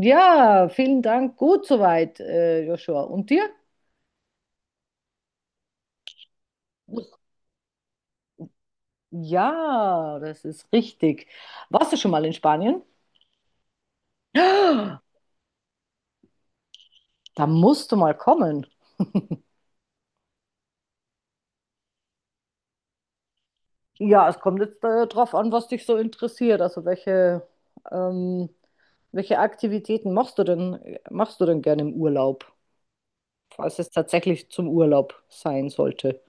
Ja, vielen Dank. Gut soweit, Joshua. Und dir? Ja, das ist richtig. Warst du schon mal in Spanien? Da musst du mal kommen. Ja, es kommt jetzt drauf an, was dich so interessiert. Also ähm, welche Aktivitäten machst du denn gerne im Urlaub, falls es tatsächlich zum Urlaub sein sollte?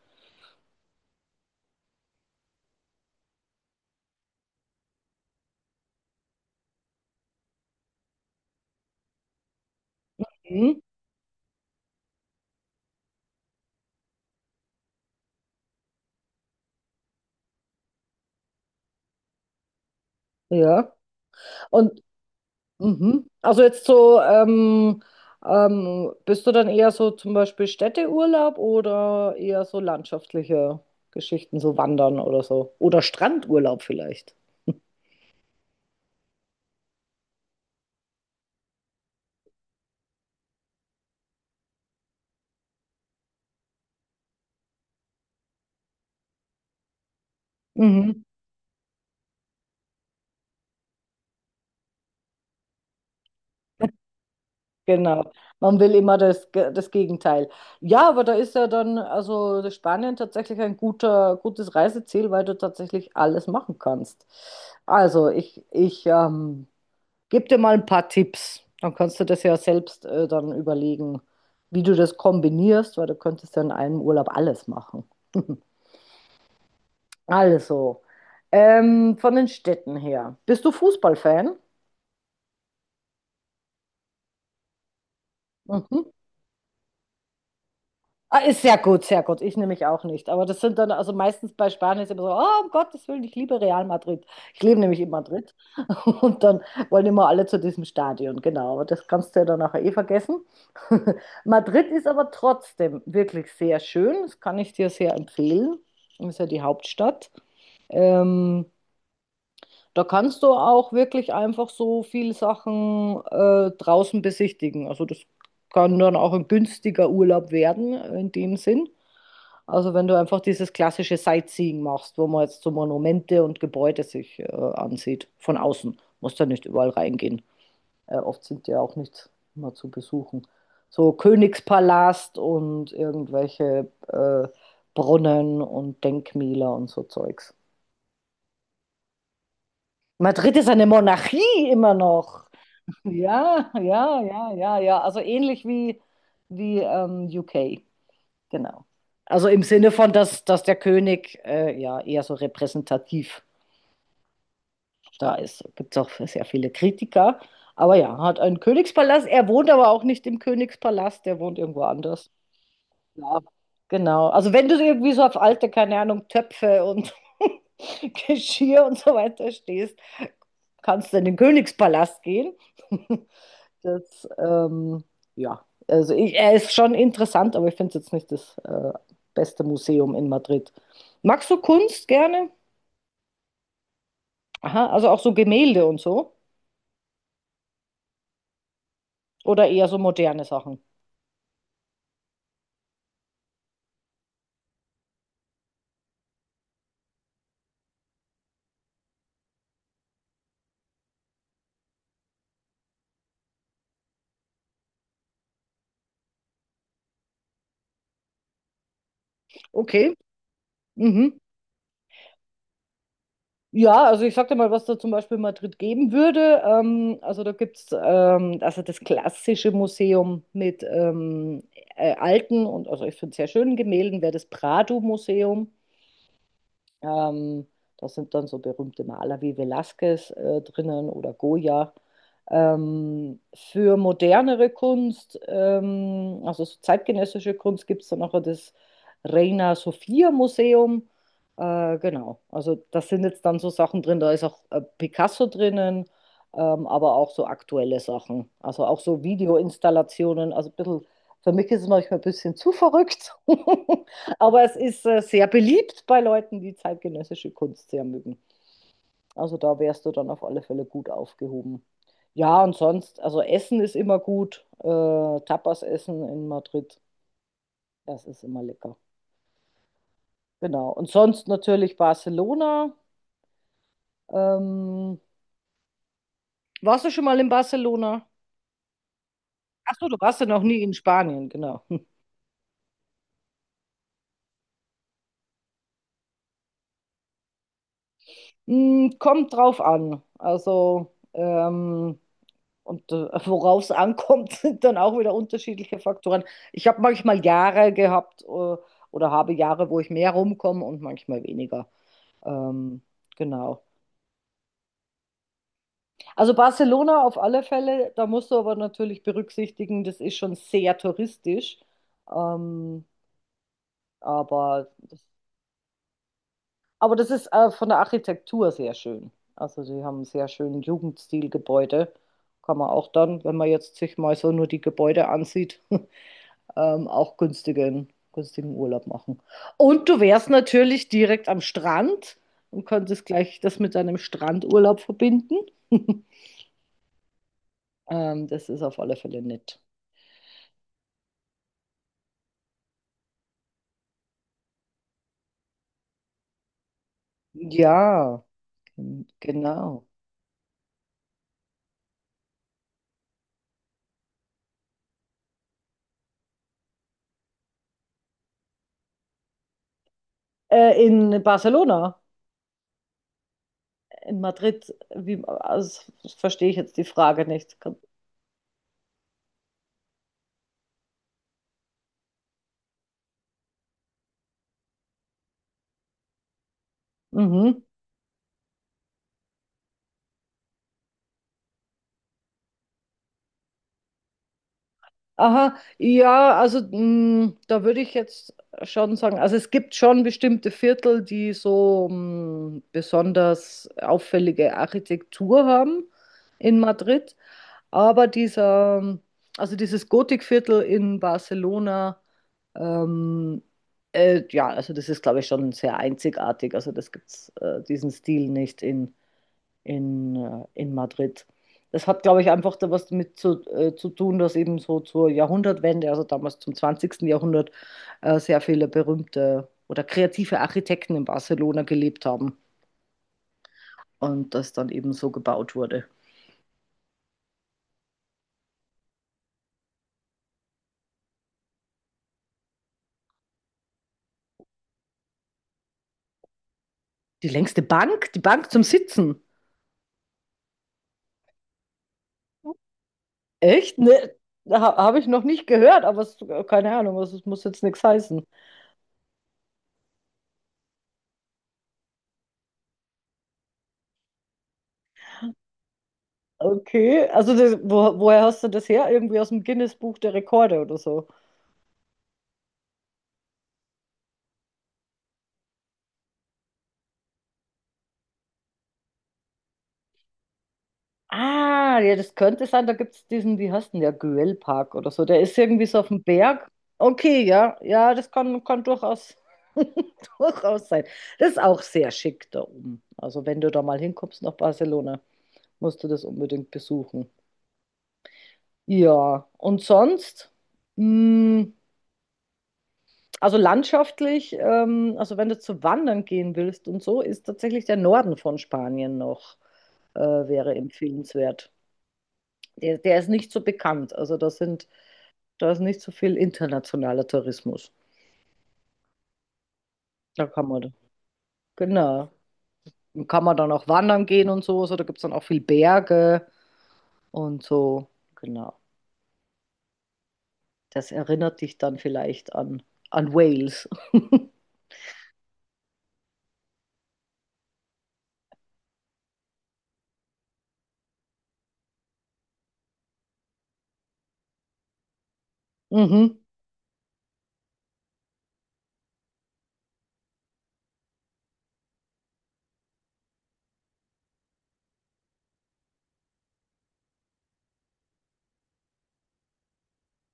Hm? Ja. Und mhm. Also jetzt so, bist du dann eher so zum Beispiel Städteurlaub oder eher so landschaftliche Geschichten, so Wandern oder so? Oder Strandurlaub vielleicht? Mhm. Genau. Man will immer das Gegenteil. Ja, aber da ist ja dann, also Spanien tatsächlich ein gutes Reiseziel, weil du tatsächlich alles machen kannst. Also ich gib dir mal ein paar Tipps. Dann kannst du das ja selbst dann überlegen, wie du das kombinierst, weil du könntest ja in einem Urlaub alles machen. Also, von den Städten her. Bist du Fußballfan? Mhm. Ah, ist sehr gut, sehr gut. Ich nehme mich auch nicht. Aber das sind dann, also meistens bei Spanien ist immer so, oh, um Gottes Willen, ich liebe Real Madrid. Ich lebe nämlich in Madrid. Und dann wollen immer alle zu diesem Stadion, genau. Aber das kannst du ja dann nachher eh vergessen. Madrid ist aber trotzdem wirklich sehr schön. Das kann ich dir sehr empfehlen. Ist ja die Hauptstadt. Ähm, Da kannst du auch wirklich einfach so viele Sachen draußen besichtigen. Also das kann dann auch ein günstiger Urlaub werden in dem Sinn. Also wenn du einfach dieses klassische Sightseeing machst, wo man jetzt so Monumente und Gebäude sich ansieht, von außen, musst ja nicht überall reingehen. Oft sind ja auch nicht immer zu besuchen. So Königspalast und irgendwelche Brunnen und Denkmäler und so Zeugs. Madrid ist eine Monarchie immer noch. Ja, ja, ja, ja, ja. Also ähnlich wie UK, genau. Also im Sinne von, dass der König ja eher so repräsentativ da ist. Gibt es auch sehr viele Kritiker. Aber ja, hat einen Königspalast. Er wohnt aber auch nicht im Königspalast, der wohnt irgendwo anders. Ja, genau. Also wenn du irgendwie so auf alte, keine Ahnung, Töpfe und Geschirr und so weiter stehst, kannst du in den Königspalast gehen. Das, ähm, ja, also ich, er ist schon interessant, aber ich finde es jetzt nicht das beste Museum in Madrid. Magst du Kunst gerne? Aha, also auch so Gemälde und so? Oder eher so moderne Sachen? Okay. Mhm. Ja, also ich sag dir mal, was da zum Beispiel in Madrid geben würde. Also da gibt es also das klassische Museum mit alten und also ich finde sehr schönen Gemälden, wäre das Prado-Museum. Ähm, Da sind dann so berühmte Maler wie Velázquez drinnen oder Goya. Für modernere Kunst, also so zeitgenössische Kunst, gibt es dann auch das Reina Sofia Museum. Genau, also da sind jetzt dann so Sachen drin, da ist auch Picasso drinnen, aber auch so aktuelle Sachen, also auch so Videoinstallationen, also ein für mich ist es manchmal ein bisschen zu verrückt. Aber es ist sehr beliebt bei Leuten, die zeitgenössische Kunst sehr mögen. Also da wärst du dann auf alle Fälle gut aufgehoben. Ja, und sonst, also Essen ist immer gut. Tapas essen in Madrid, das ist immer lecker. Genau. Und sonst natürlich Barcelona. Ähm, warst du schon mal in Barcelona? Ach so, du warst ja noch nie in Spanien, genau. Hm, kommt drauf an. Und worauf es ankommt, sind dann auch wieder unterschiedliche Faktoren. Ich habe manchmal Jahre gehabt oder habe Jahre, wo ich mehr rumkomme und manchmal weniger. Ähm, genau. Also Barcelona auf alle Fälle, da musst du aber natürlich berücksichtigen, das ist schon sehr touristisch. Ähm, aber, das, aber das ist von der Architektur sehr schön. Also sie haben einen sehr schönen Jugendstilgebäude. Kann man auch dann, wenn man jetzt sich mal so nur die Gebäude ansieht. Auch günstigen Urlaub machen. Und du wärst natürlich direkt am Strand und könntest gleich das mit deinem Strandurlaub verbinden. Das ist auf alle Fälle nett. Ja, genau. In Barcelona, in Madrid, wie, also, das verstehe ich jetzt die Frage nicht. Mhm. Aha, ja, also mh, da würde ich jetzt schon sagen, also es gibt schon bestimmte Viertel, die so mh, besonders auffällige Architektur haben in Madrid, aber dieser, also dieses Gotikviertel in Barcelona, ähm, ja, also das ist, glaube ich, schon sehr einzigartig, also das gibt's diesen Stil nicht in Madrid. Das hat, glaube ich, einfach da was damit zu tun, dass eben so zur Jahrhundertwende, also damals zum 20. Jahrhundert, sehr viele berühmte oder kreative Architekten in Barcelona gelebt haben und das dann eben so gebaut wurde. Die längste Bank? Die Bank zum Sitzen? Echt? Habe ich noch nicht gehört, keine Ahnung, also es muss jetzt nichts heißen. Okay, also woher hast du das her? Irgendwie aus dem Guinness-Buch der Rekorde oder so? Ah, ja, das könnte sein, da gibt es diesen, wie heißt denn der, Güellpark oder so. Der ist irgendwie so auf dem Berg. Okay, ja, ja, das kann durchaus, durchaus sein. Das ist auch sehr schick da oben. Also wenn du da mal hinkommst nach Barcelona, musst du das unbedingt besuchen. Ja, und sonst, mh, also landschaftlich, also wenn du zu wandern gehen willst und so, ist tatsächlich der Norden von Spanien wäre empfehlenswert. Der ist nicht so bekannt. Also da sind da ist nicht so viel internationaler Tourismus. Da kann man, genau. Und kann man dann auch wandern gehen und so. So, da gibt es dann auch viel Berge und so. Genau. Das erinnert dich dann vielleicht an Wales. Mhm.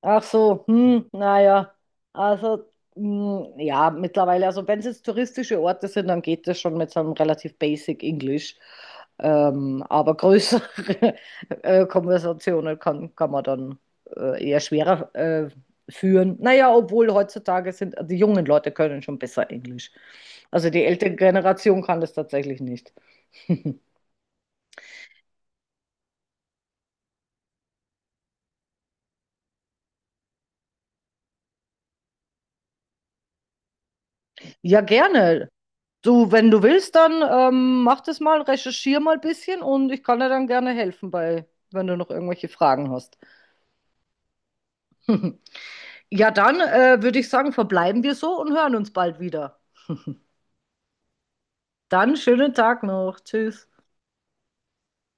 Ach so, hm, naja. Also, hm, ja, mittlerweile, also wenn es jetzt touristische Orte sind, dann geht das schon mit so einem relativ basic Englisch. Aber größere Konversationen kann man dann eher schwerer führen. Naja, obwohl heutzutage sind die jungen Leute können schon besser Englisch. Also die ältere Generation kann das tatsächlich nicht. Ja, gerne. Du, wenn du willst, dann mach das mal, recherchier mal ein bisschen und ich kann dir dann gerne helfen bei, wenn du noch irgendwelche Fragen hast. Ja, dann würde ich sagen, verbleiben wir so und hören uns bald wieder. Dann schönen Tag noch. Tschüss.